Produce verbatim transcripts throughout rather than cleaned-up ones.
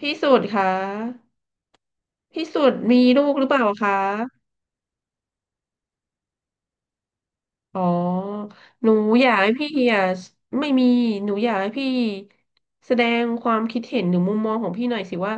พี่สุดคะพี่สุดมีลูกหรือเปล่าคะอ๋อหนูอยากให้พี่อ่ะไม่มีหนูอยากให้พี่แสดงความคิดเห็นหรือมุมมองของพี่หน่อยสิว่า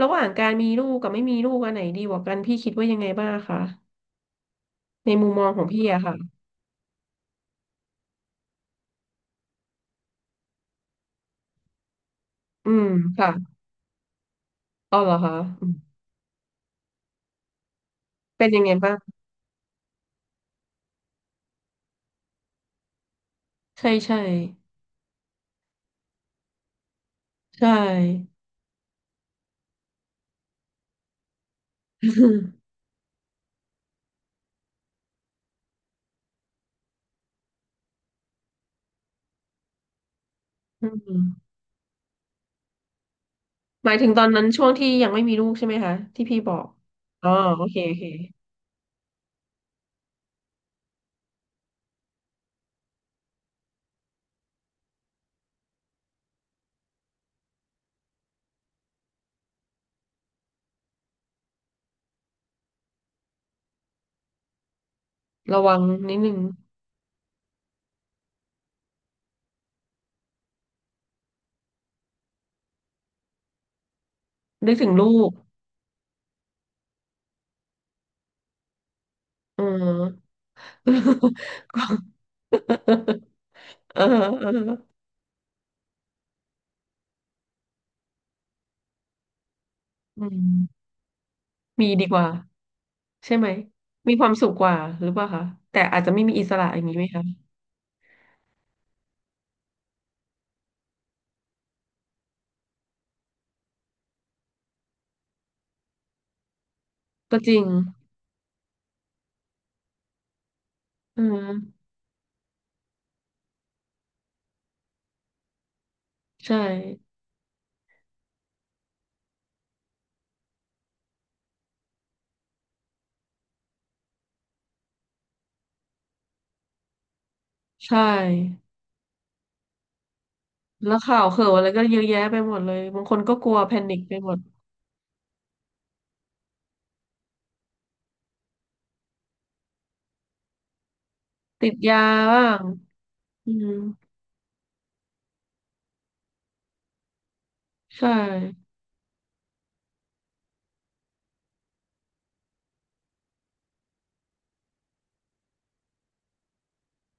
ระหว่างการมีลูกกับไม่มีลูกอันไหนดีกว่ากันพี่คิดว่ายังไงบ้างคะในมุมมองของพี่อะค่ะอืมค่ะอ๋อเหรอคะอืมเป็นยังไงบ้างใช่ใช่ใช่ อืมหมายถึงตอนนั้นช่วงที่ยังไม่มีลูกใช่ไหมคะที่พี่บอกอ๋อโอเคโอเคระวังนิดนึง นึกถึงลูกเออ เออเอออืมมีดีกว่าใช่ไหมมีความสุขกว่าหรือเปล่าคะ แต่อาจจะไม่มีอิสระอย่างนี้ไหมคะ ก็จริงอืมใช่ใช่ แล้วข่าวเข่าวอะไรก็เยอะแยะไปหมดเลยบางคนก็กลัวแพนิคไปหมด ติดยาบ้างอืมใช่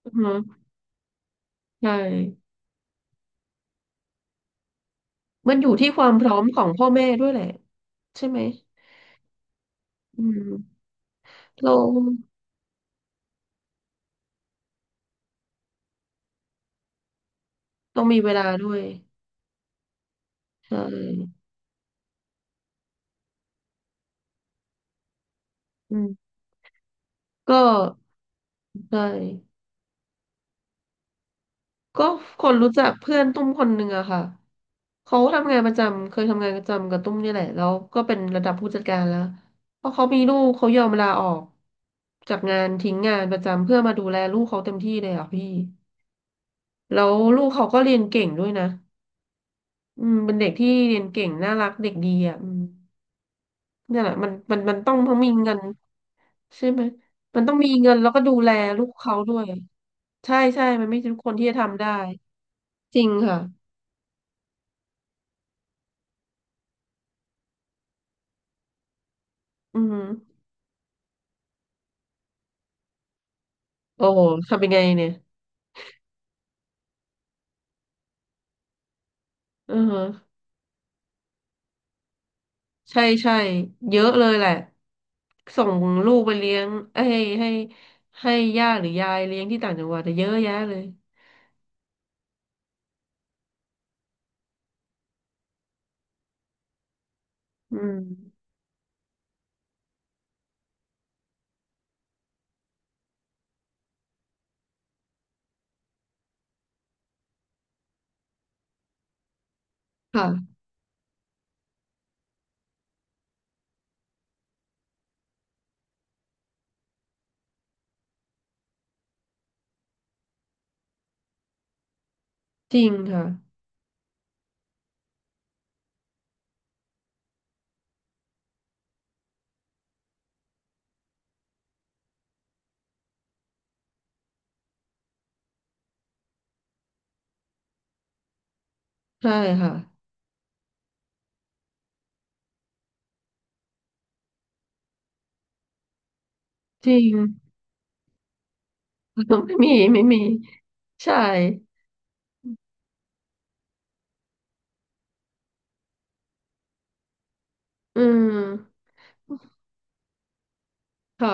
อือฮึใช่ มันอยู่ที่ความพร้อมของพ่อแม่ด้วยแหละใช่ไหมอืมเราต้องมีเวลาด้วย ใช่อืมก็ใช่ก็คนรู้จักเพื่อนตุ้มคนหนึ่งอะค่ะเขาทำงานประจำเคยทำงานประจำกับตุ้มนี่แหละแล้วก็เป็นระดับผู้จัดการแล้วเพราะเขามีลูกเขายอมลาออกจากงานทิ้งงานประจำเพื่อมาดูแลลูกเขาเต็มที่เลยอะพี่แล้วลูกเขาก็เรียนเก่งด้วยนะอืมเป็นเด็กที่เรียนเก่งน่ารักเด็กดีอ่ะอืมเนี่ยแหละมันมันมันต้องทั้งมีเงิน ใช่ไหมมันต้องมีเงินแล้วก็ดูแลลูกเขาด้วยใช่ใช่มันไม่ใช่ทุกคนที่จะทำได้จริงค่ะอืมโอ้โหทำยังไงเนี่ยอือฮะใช่ใช่เยอะเลยแหละส่งลูกไปเลี้ยงเอ้ยให้ให้ให้ย่าหรือยายเลี้ยงที่ต่างจังหวัดแต่เยอะแยะเลยอืมค่ะจริงค่ะใช่ค่ะจริง ไม่มีไม่มีใช่อืมค่ะ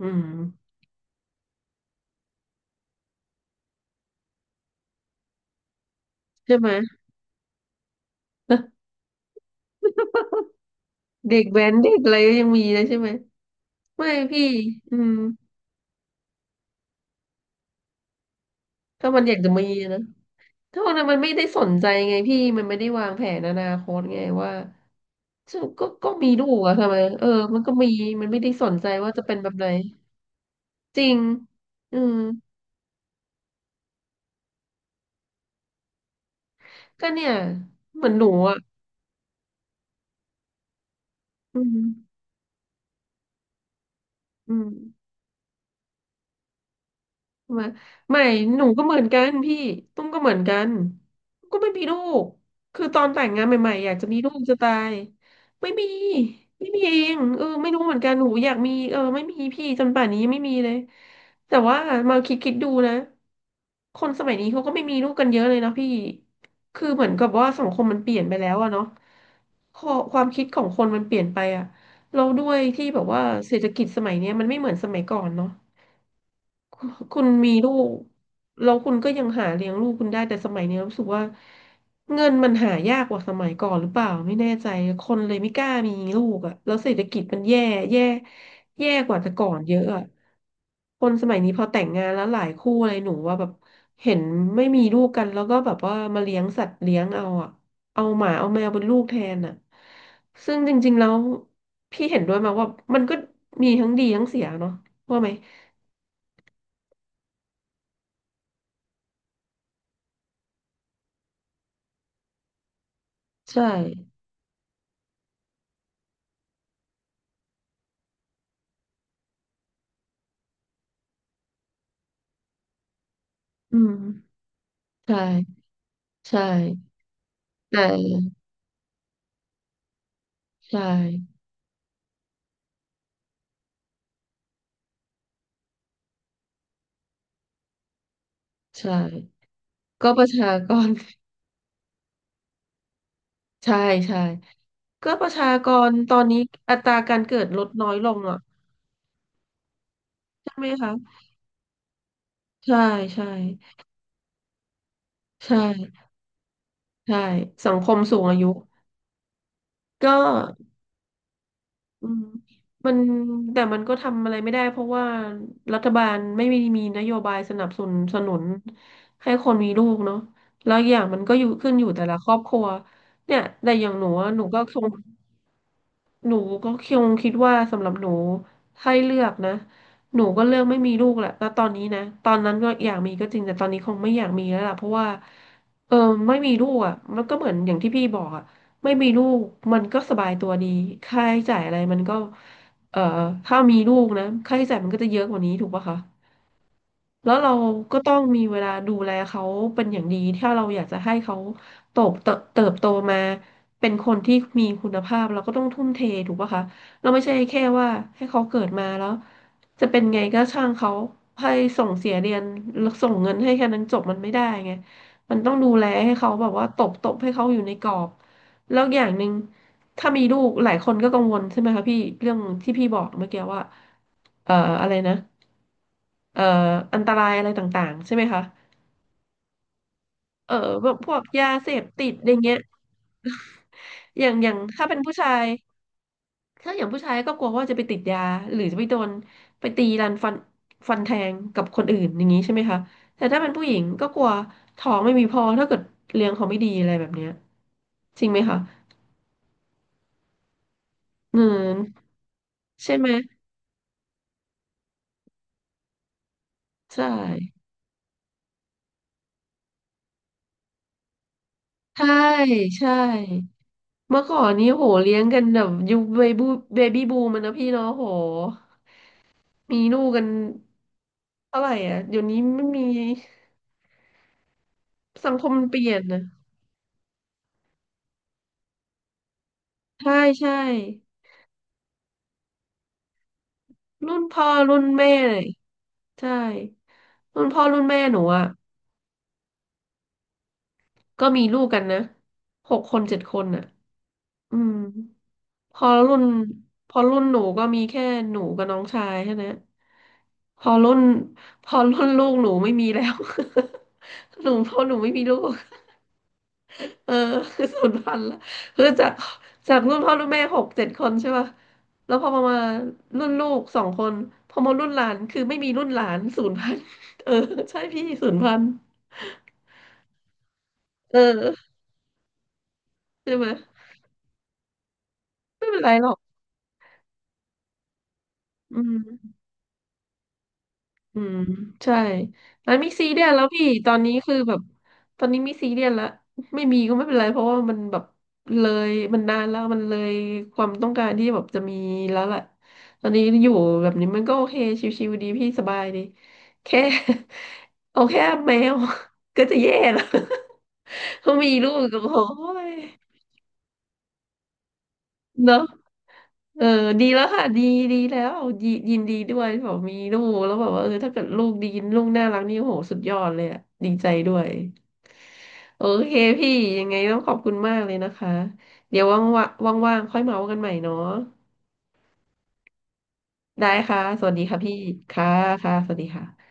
อืมใช่ไหม เด็กแว้นเด็กอะไรก็ยังมีนะใช่ไหมไม่พี่อืมถ้ามันอยากจะมีนะถ้าวันนั้นมันไม่ได้สนใจไงพี่มันไม่ได้วางแผนอนาคตไงว่าฉันก็ก็มีลูกอะทำไมเออมันก็มีมันไม่ได้สนใจว่าจะเป็นแบบไหนจริงอืมก็เนี่ยเหมือนหนูอะอืมอืม มาไม่หนูก็เหมือนกันพี่ตุ้มก็เหมือนกันก็ไม่มีลูกคือตอนแต่งงานใหม่ๆอยากจะมีลูกจะตายไม่มีไม่มีเองเออไม่รู้เหมือนกันหนูอยากมีเออไม่มีพี่จนป่านนี้ยังไม่มีเลยแต่ว่ามาคิดคิดดูนะคนสมัยนี้เขาก็ไม่มีลูกกันเยอะเลยนะพี่คือเหมือนกับว่าสังคมมันเปลี่ยนไปแล้วอะเนาะข้อความคิดของคนมันเปลี่ยนไปอะเราด้วยที่แบบว่าเศรษฐกิจสมัยเนี้ยมันไม่เหมือนสมัยก่อนเนาะ คุณคุณมีลูก แล้วคุณก็ยังหาเลี้ยงลูกคุณได้แต่สมัยนี้รู้สึกว่าเงินมันหายากกว่าสมัยก่อนหรือเปล่าไม่แน่ใจคนเลยไม่กล้ามีลูกอ่ะแล้วเศรษฐกิจมันแย่แย่แย่กว่าแต่ก่อนเยอะอ่ะคนสมัยนี้พอแต่งงานแล้วหลายคู่อะไรหนูว่าแบบเห็นไม่มีลูกกันแล้วก็แบบว่ามาเลี้ยงสัตว์เลี้ยงเอาอ่ะเอาหมาเอาแมวเป็นลูกแทนอ่ะซึ่งจริงๆแล้วพี่เห็นด้วยมาว่ามันก็มีทั้งดีทั้งเสียเนาะว่าไหมใช่ อืมใช่ใช่แต่ใช่ใช่ก็ประชากร ใช่ใช่ก็ประชากรตอนนี้อัตราการเกิดลดน้อยลงอ่ะใช่ไหมคะใช่ใช่ใช่ใช่สังคมสูงอายุก็อืมมันแต่มันก็ทำอะไรไม่ได้เพราะว่ารัฐบาลไม่มีมีนโยบายสนับสนุนสนุนให้คนมีลูกเนาะแล้วอย่างมันก็อยู่ขึ้นอยู่แต่ละครอบครัวเนี่ยแต่อย่างหนูอะหนูก็คง หนูก็คงคิดว่าสำหรับหนูให้เลือกนะหนูก็เลือกไม่มีลูกแหละณตอนนี้นะตอนนั้นก็อยากมีก็จริงแต่ตอนนี้คงไม่อยากมีแล้วล่ะเพราะว่าเออไม่มีลูกอ่ะมันก็เหมือนอย่างที่พี่บอกอ่ะไม่มีลูกมันก็สบายตัวดีค่าใช้จ่ายอะไรมันก็เอ่อถ้ามีลูกนะค่าใช้จ่ายมันก็จะเยอะกว่านี้ถูกปะคะ แล้วเราก็ต้องมีเวลาดูแลเขาเป็นอย่างดีถ้าเราอยากจะให้เขาโตบเติบเติบโตมาเป็นคนที่มีคุณภาพเราก็ต้องทุ่มเทถูกปะคะเราไม่ใช่แค่ว่าให้เขาเกิดมาแล้วจะเป็นไงก็ช่างเขาให้ส่งเสียเรียนแล้วส่งเงินให้แค่นั้นจบมันไม่ได้ไงมันต้องดูแลให้เขาแบบว่าตบตบให้เขาอยู่ในกรอบแล้วอย่างหนึ่งถ้ามีลูกหลายคนก็กังวลใช่ไหมคะพี่เรื่องที่พี่บอกเมื่อกี้ว่าเอ่ออะไรนะ เอ่ออันตรายอะไรต่างๆใช่ไหมคะเออแบบพวกยาเสพติดอย่างเงี้ย อย่างอย่างถ้าเป็นผู้ชายถ้าอย่างผู้ชายก็กลัวว่าจะไปติดยาหรือจะไปโดนไปตีรันฟันฟันแทงกับคนอื่นอย่างนี้ใช่ไหมคะแต่ถ้าเป็นผู้หญิงก็กลัวท้องไม่มีพอถ้าเกิดเลี้ยงเขาไม่ดีอะไรแบบเนี้ยจริงไหมคะเงินใช่ไหมใช่ใช่ใช่เมื่อก่อนนี้โหเลี้ยงกันแบบยุคเบบูเบบี้บูมันนะพี่เนาะโห มีลูกกันเท่าไหร่อ่ะเดี๋ยวนี้ไม่มีสังคมมันเปลี่ยนนะใช่ใช่รุ่นพ่อรุ่นแม่เลยใช่รุ่นพ่อรุ่นแม่หนูอ่ะก็มีลูกกันนะหกคนเจ็ดคนอ่ะอืมพอรุ่นพอรุ่นหนูก็มีแค่หนูกับน้องชายแค่นั้นพอรุ่นพอรุ่นลูกหนูไม่มีแล้ว หนูพอหนูไม่มีลูก เออ คือสูญพันธุ์ละคือจากจากรุ่นพ่อรุ่นแม่หกเจ็ดคนใช่ป่ะแล้วพอมามารุ่นลูกสองคนพอมารุ่นหลานคือไม่มีรุ่นหลานสูญพันธุ์เออใช่พี่สูญพันธุ์เออใช่ไหมไม่เป็นไรหรอกอืม อืมใช่แล้วมีซีเรียสแล้วพี่ตอนนี้คือแบบตอนนี้มีซีเรียสแล้วไม่มีก็ไม่เป็นไรเพราะว่ามันแบบเลยมันนานแล้วมันเลยความต้องการที่แบบจะมีแล้วแหละตอนนี้อยู่แบบนี้มันก็โอเคชิวๆดีพี่สบายดีแค่ เอาแค่แมว ก็จะแย่แล้ว เขามีลูกก็โอ้ย เนอะเออดีแล้วค่ะ ดีดีแล้วดียินดีด้วย บอกมีลูก แล้วแบบว่าเออถ้าเกิดลูกดีลูกน่ารักนี่โหสุดยอดเลยอะดีใจด้วยโอเคพี่ยังไงต้องขอบคุณมากเลยนะคะ เดี๋ยวว่างว่างว่างๆค่อยเมาส์กันใหม่เนาะได้ค่ะสวัสดีค่ะพี่ ค่ะค่ะสวัสดีค่ะ